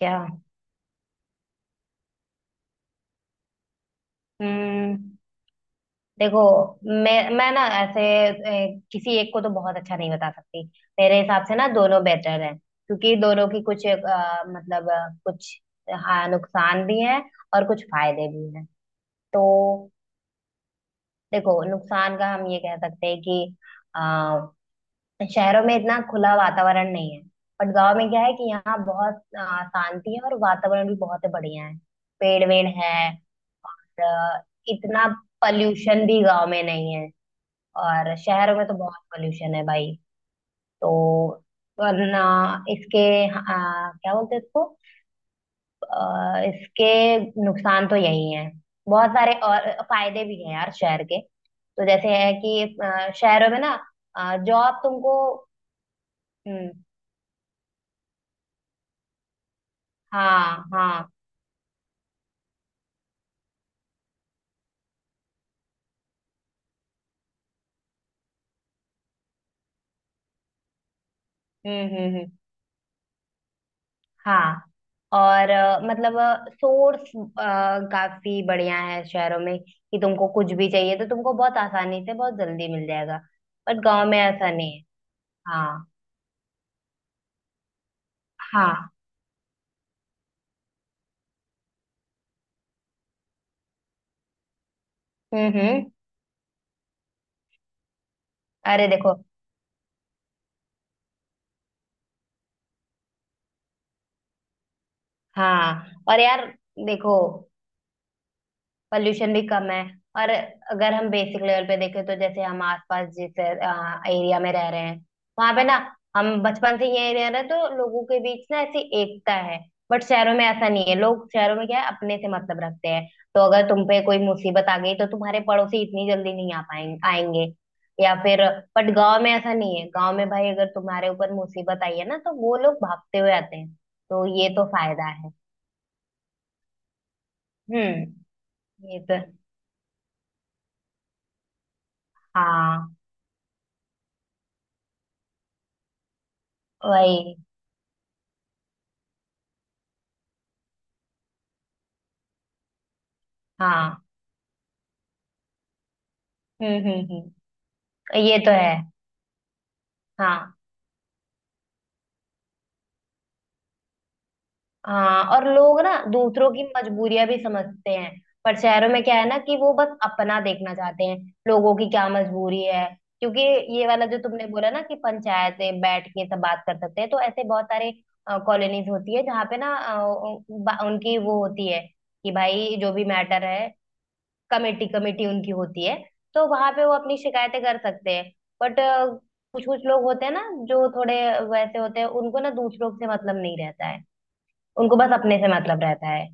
क्या? हम्म। देखो, मैं ना ऐसे किसी एक को तो बहुत अच्छा नहीं बता सकती। मेरे हिसाब से ना दोनों बेटर हैं, क्योंकि दोनों की कुछ मतलब कुछ हाँ नुकसान भी हैं और कुछ फायदे भी हैं। तो देखो, नुकसान का हम ये कह सकते हैं कि अ, शहरों में इतना खुला वातावरण नहीं है। बट गांव में क्या है कि यहाँ बहुत शांति है और वातावरण भी बहुत बढ़िया है। पेड़ वेड़ है। अ, इतना पॉल्यूशन भी गांव में नहीं है। और शहर में तो बहुत पॉल्यूशन है भाई। तो वरना इसके अ, क्या बोलते हैं इसको इसके नुकसान तो यही है। बहुत सारे और फायदे भी हैं यार शहर के, तो जैसे है कि शहरों में ना जॉब तुमको। हम्म। हाँ। हाँ। हम्म। हाँ। और मतलब सोर्स काफी बढ़िया है शहरों में कि तुमको कुछ भी चाहिए तो तुमको बहुत आसानी से बहुत जल्दी मिल जाएगा। बट गांव में ऐसा नहीं है। हाँ। हाँ। हम्म। अरे देखो, हाँ और यार देखो, पॉल्यूशन भी कम है। और अगर हम बेसिक लेवल पे देखें तो जैसे हम आसपास जिस एरिया में रह रहे हैं, वहां पे ना हम बचपन से ये रह रहे हैं तो लोगों के बीच ना ऐसी एकता है। बट शहरों में ऐसा नहीं है, लोग शहरों में क्या है अपने से मतलब रखते हैं। तो अगर तुम पे कोई मुसीबत आ गई तो तुम्हारे पड़ोसी इतनी जल्दी नहीं आ पाएंगे, आएंगे या फिर। बट गांव में ऐसा नहीं है, गांव में भाई अगर तुम्हारे ऊपर मुसीबत आई है ना तो वो लोग भागते हुए आते हैं। तो ये तो फायदा है। हम्म। ये तो। हाँ वही। हाँ। हम्म। ये तो है। हाँ। हाँ और लोग ना दूसरों की मजबूरियां भी समझते हैं। पर शहरों में क्या है ना कि वो बस अपना देखना चाहते हैं। लोगों की क्या मजबूरी है, क्योंकि ये वाला जो तुमने बोला ना कि पंचायतें बैठ के सब बात कर सकते हैं तो ऐसे बहुत सारे कॉलोनीज होती है जहाँ पे ना उनकी वो होती है कि भाई जो भी मैटर है, कमेटी कमेटी उनकी होती है तो वहां पे वो अपनी शिकायतें कर सकते हैं। बट कुछ कुछ लोग होते हैं ना जो थोड़े वैसे होते हैं, उनको ना दूसरों से मतलब नहीं रहता है। उनको बस अपने से मतलब रहता है।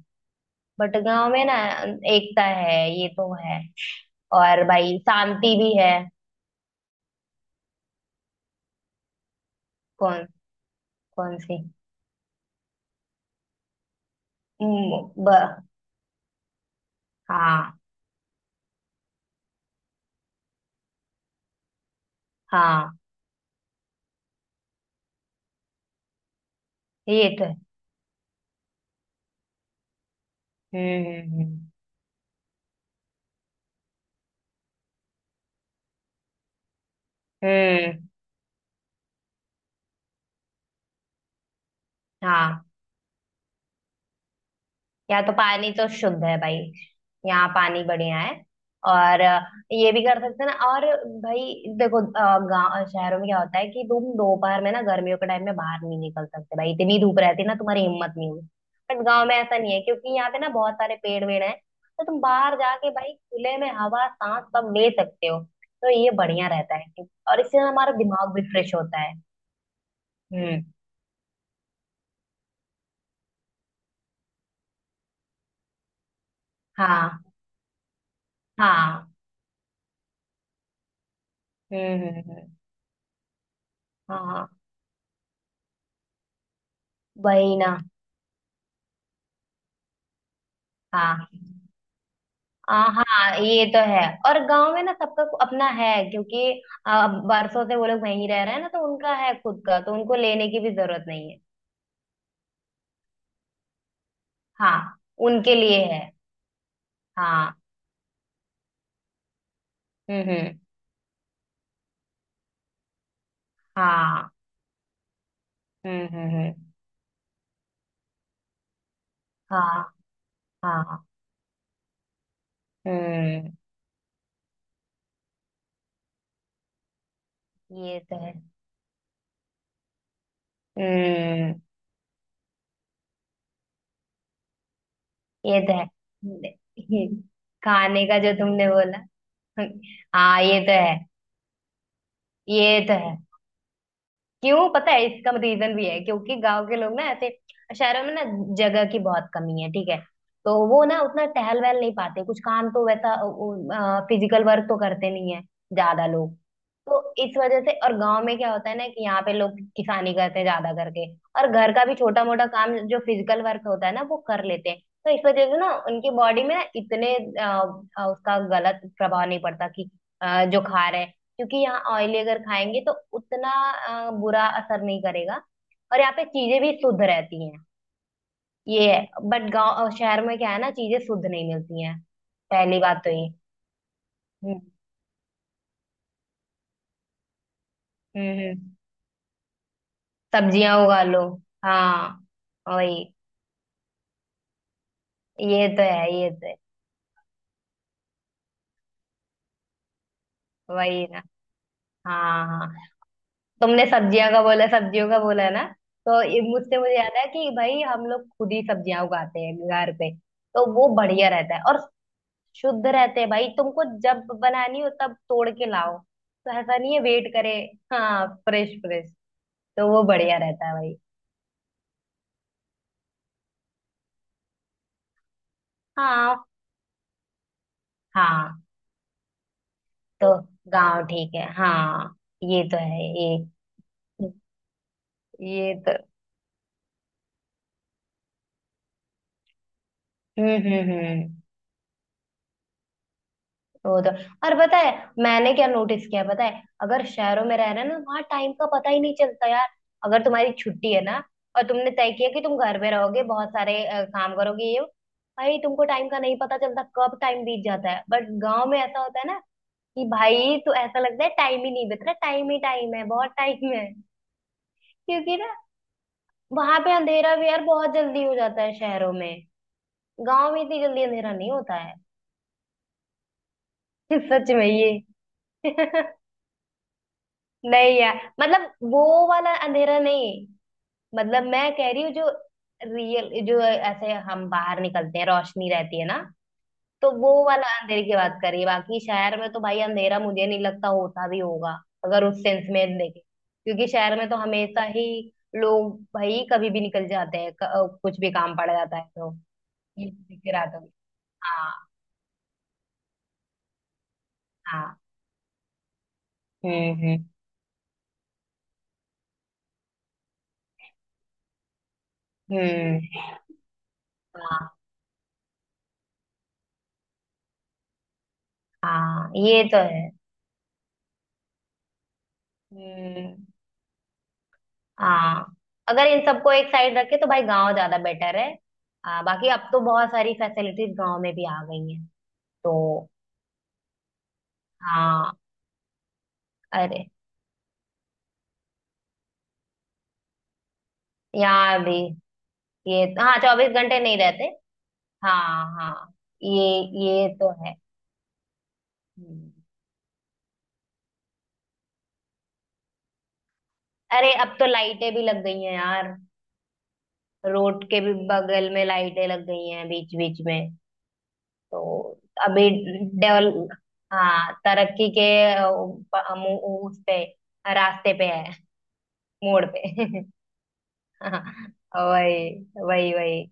बट गांव में ना एकता है। ये तो है। और भाई शांति भी है। कौन? कौन सी? हम्म, ब, हाँ। हाँ ये तो है। हम्म हम्म हम्म। हाँ। यहाँ तो पानी तो शुद्ध है भाई। यहाँ पानी बढ़िया है। और ये भी कर सकते हैं ना। और भाई देखो गाँव शहरों में क्या होता है कि तुम दोपहर में ना गर्मियों के टाइम में बाहर नहीं निकल सकते भाई, इतनी धूप रहती है ना, तुम्हारी हिम्मत नहीं होगी। बट गाँव में ऐसा नहीं है क्योंकि यहाँ पे ना बहुत सारे पेड़ वेड़ हैं तो तुम बाहर जाके भाई खुले में हवा सांस सब ले सकते हो। तो ये बढ़िया रहता है। और इससे ना हमारा दिमाग भी फ्रेश होता है। हम्म। हाँ। हाँ। हम्म हम्म हम्म, हाँ। वही ना। हाँ। आ, हाँ ये तो है। और गांव में ना सबका अपना है क्योंकि आ, बरसों से वो लोग वहीं रह रहे हैं ना तो उनका है खुद का, तो उनको लेने की भी जरूरत नहीं है। हाँ। उनके लिए है। हाँ। हम्म। हाँ। हम्म हम्म हम्म, हाँ। हाँ। हम्म। ये तो है। हम्म। ये तो है। खाने का जो तुमने बोला। हाँ ये तो है। ये तो है। क्यों पता है, इसका रीजन भी है क्योंकि गांव के लोग ना ऐसे, शहरों में ना जगह की बहुत कमी है, ठीक है। तो वो ना उतना टहल वहल नहीं पाते, कुछ काम तो वैसा फिजिकल वर्क तो करते नहीं है ज्यादा लोग। तो इस वजह से। और गांव में क्या होता है ना कि यहाँ पे लोग किसानी करते हैं ज्यादा करके और घर का भी छोटा मोटा काम जो फिजिकल वर्क होता है ना वो कर लेते हैं, तो इस वजह से ना उनकी बॉडी में ना इतने उसका गलत प्रभाव नहीं पड़ता कि जो खा रहे हैं क्योंकि यहाँ ऑयली अगर खाएंगे तो उतना बुरा असर नहीं करेगा। और यहाँ पे चीजें भी शुद्ध रहती हैं। ये है। बट गांव शहर में क्या है ना, चीजें शुद्ध नहीं मिलती हैं। पहली बात तो ये। हम्म हम्म हम्म। सब्जियां उगा लो। हाँ वही। ये तो है, ये तो है। वही ना। हाँ। हाँ तुमने सब्जियां का बोला सब्जियों का बोला ना, तो ये मुझसे मुझे याद है कि भाई हम लोग खुद ही सब्जियां उगाते हैं घर पे। तो वो बढ़िया रहता है। और शुद्ध रहते हैं भाई, तुमको जब बनानी हो तब तोड़ के लाओ, तो ऐसा नहीं है वेट करे। हाँ फ्रेश फ्रेश। तो वो बढ़िया रहता है भाई। हाँ। हाँ तो गाँव ठीक है हाँ। ये तो है ये। ये तो। हम्म। वो तो। और पता है मैंने क्या नोटिस किया है, पता है अगर शहरों में रह रहे हैं ना वहां टाइम का पता ही नहीं चलता यार। अगर तुम्हारी छुट्टी है ना और तुमने तय किया कि तुम घर पे रहोगे, बहुत सारे काम करोगे ये वो, भाई तुमको टाइम का नहीं पता चलता, कब टाइम बीत जाता है। बट गांव में ऐसा होता है ना कि भाई तो ऐसा लगता है टाइम ही नहीं बीत रहा, टाइम ही टाइम है, बहुत टाइम है। क्योंकि ना वहां पे अंधेरा भी यार बहुत जल्दी हो जाता है शहरों में, गांव में इतनी जल्दी अंधेरा नहीं होता है। सच में ये। नहीं यार मतलब वो वाला अंधेरा नहीं, मतलब मैं कह रही हूँ जो रियल, जो ऐसे हम बाहर निकलते हैं रोशनी रहती है ना, तो वो वाला अंधेरे की बात कर रही है। बाकी शहर में तो भाई अंधेरा मुझे नहीं लगता, होता भी होगा अगर उस सेंस में देखें, क्योंकि शहर में तो हमेशा ही लोग भाई कभी भी निकल जाते हैं, कुछ भी काम पड़ जाता है तो। ये दिख रहा था। हाँ। हाँ। हम्म हम्म हम्म। हाँ। हाँ ये तो है। हम्म। हाँ अगर इन सबको एक साइड रखे तो भाई गांव ज्यादा बेटर है। आ, बाकी अब तो बहुत सारी फैसिलिटीज गांव में भी आ गई हैं। तो हाँ। अरे यहाँ भी। ये हाँ 24 घंटे नहीं रहते। हाँ। हाँ ये। ये तो है। हम्म। अरे अब तो लाइटें भी लग गई हैं यार। रोड के भी बगल में लाइटें लग गई हैं बीच बीच में। तो अभी डेवल हाँ तरक्की के अ, प- अ, मु- उस पे, रास्ते पे है, मोड़ पे। वही वही वही।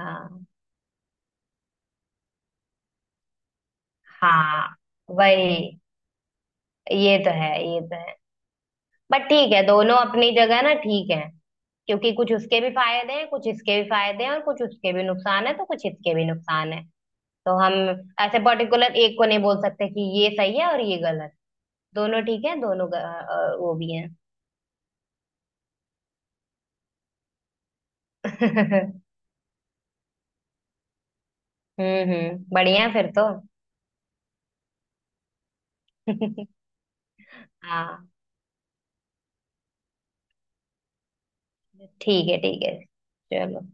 हाँ। हाँ वही। ये तो है, ये तो है। बट ठीक है दोनों अपनी जगह ना, ठीक है। क्योंकि कुछ उसके भी फायदे हैं, कुछ इसके भी फायदे हैं, और कुछ उसके भी नुकसान है, तो कुछ इसके भी नुकसान है। तो हम ऐसे पर्टिकुलर एक को नहीं बोल सकते कि ये सही है और ये गलत। दोनों ठीक है, दोनों वो भी हैं। बढ़िया फिर तो। हाँ ठीक है, ठीक है। चलो।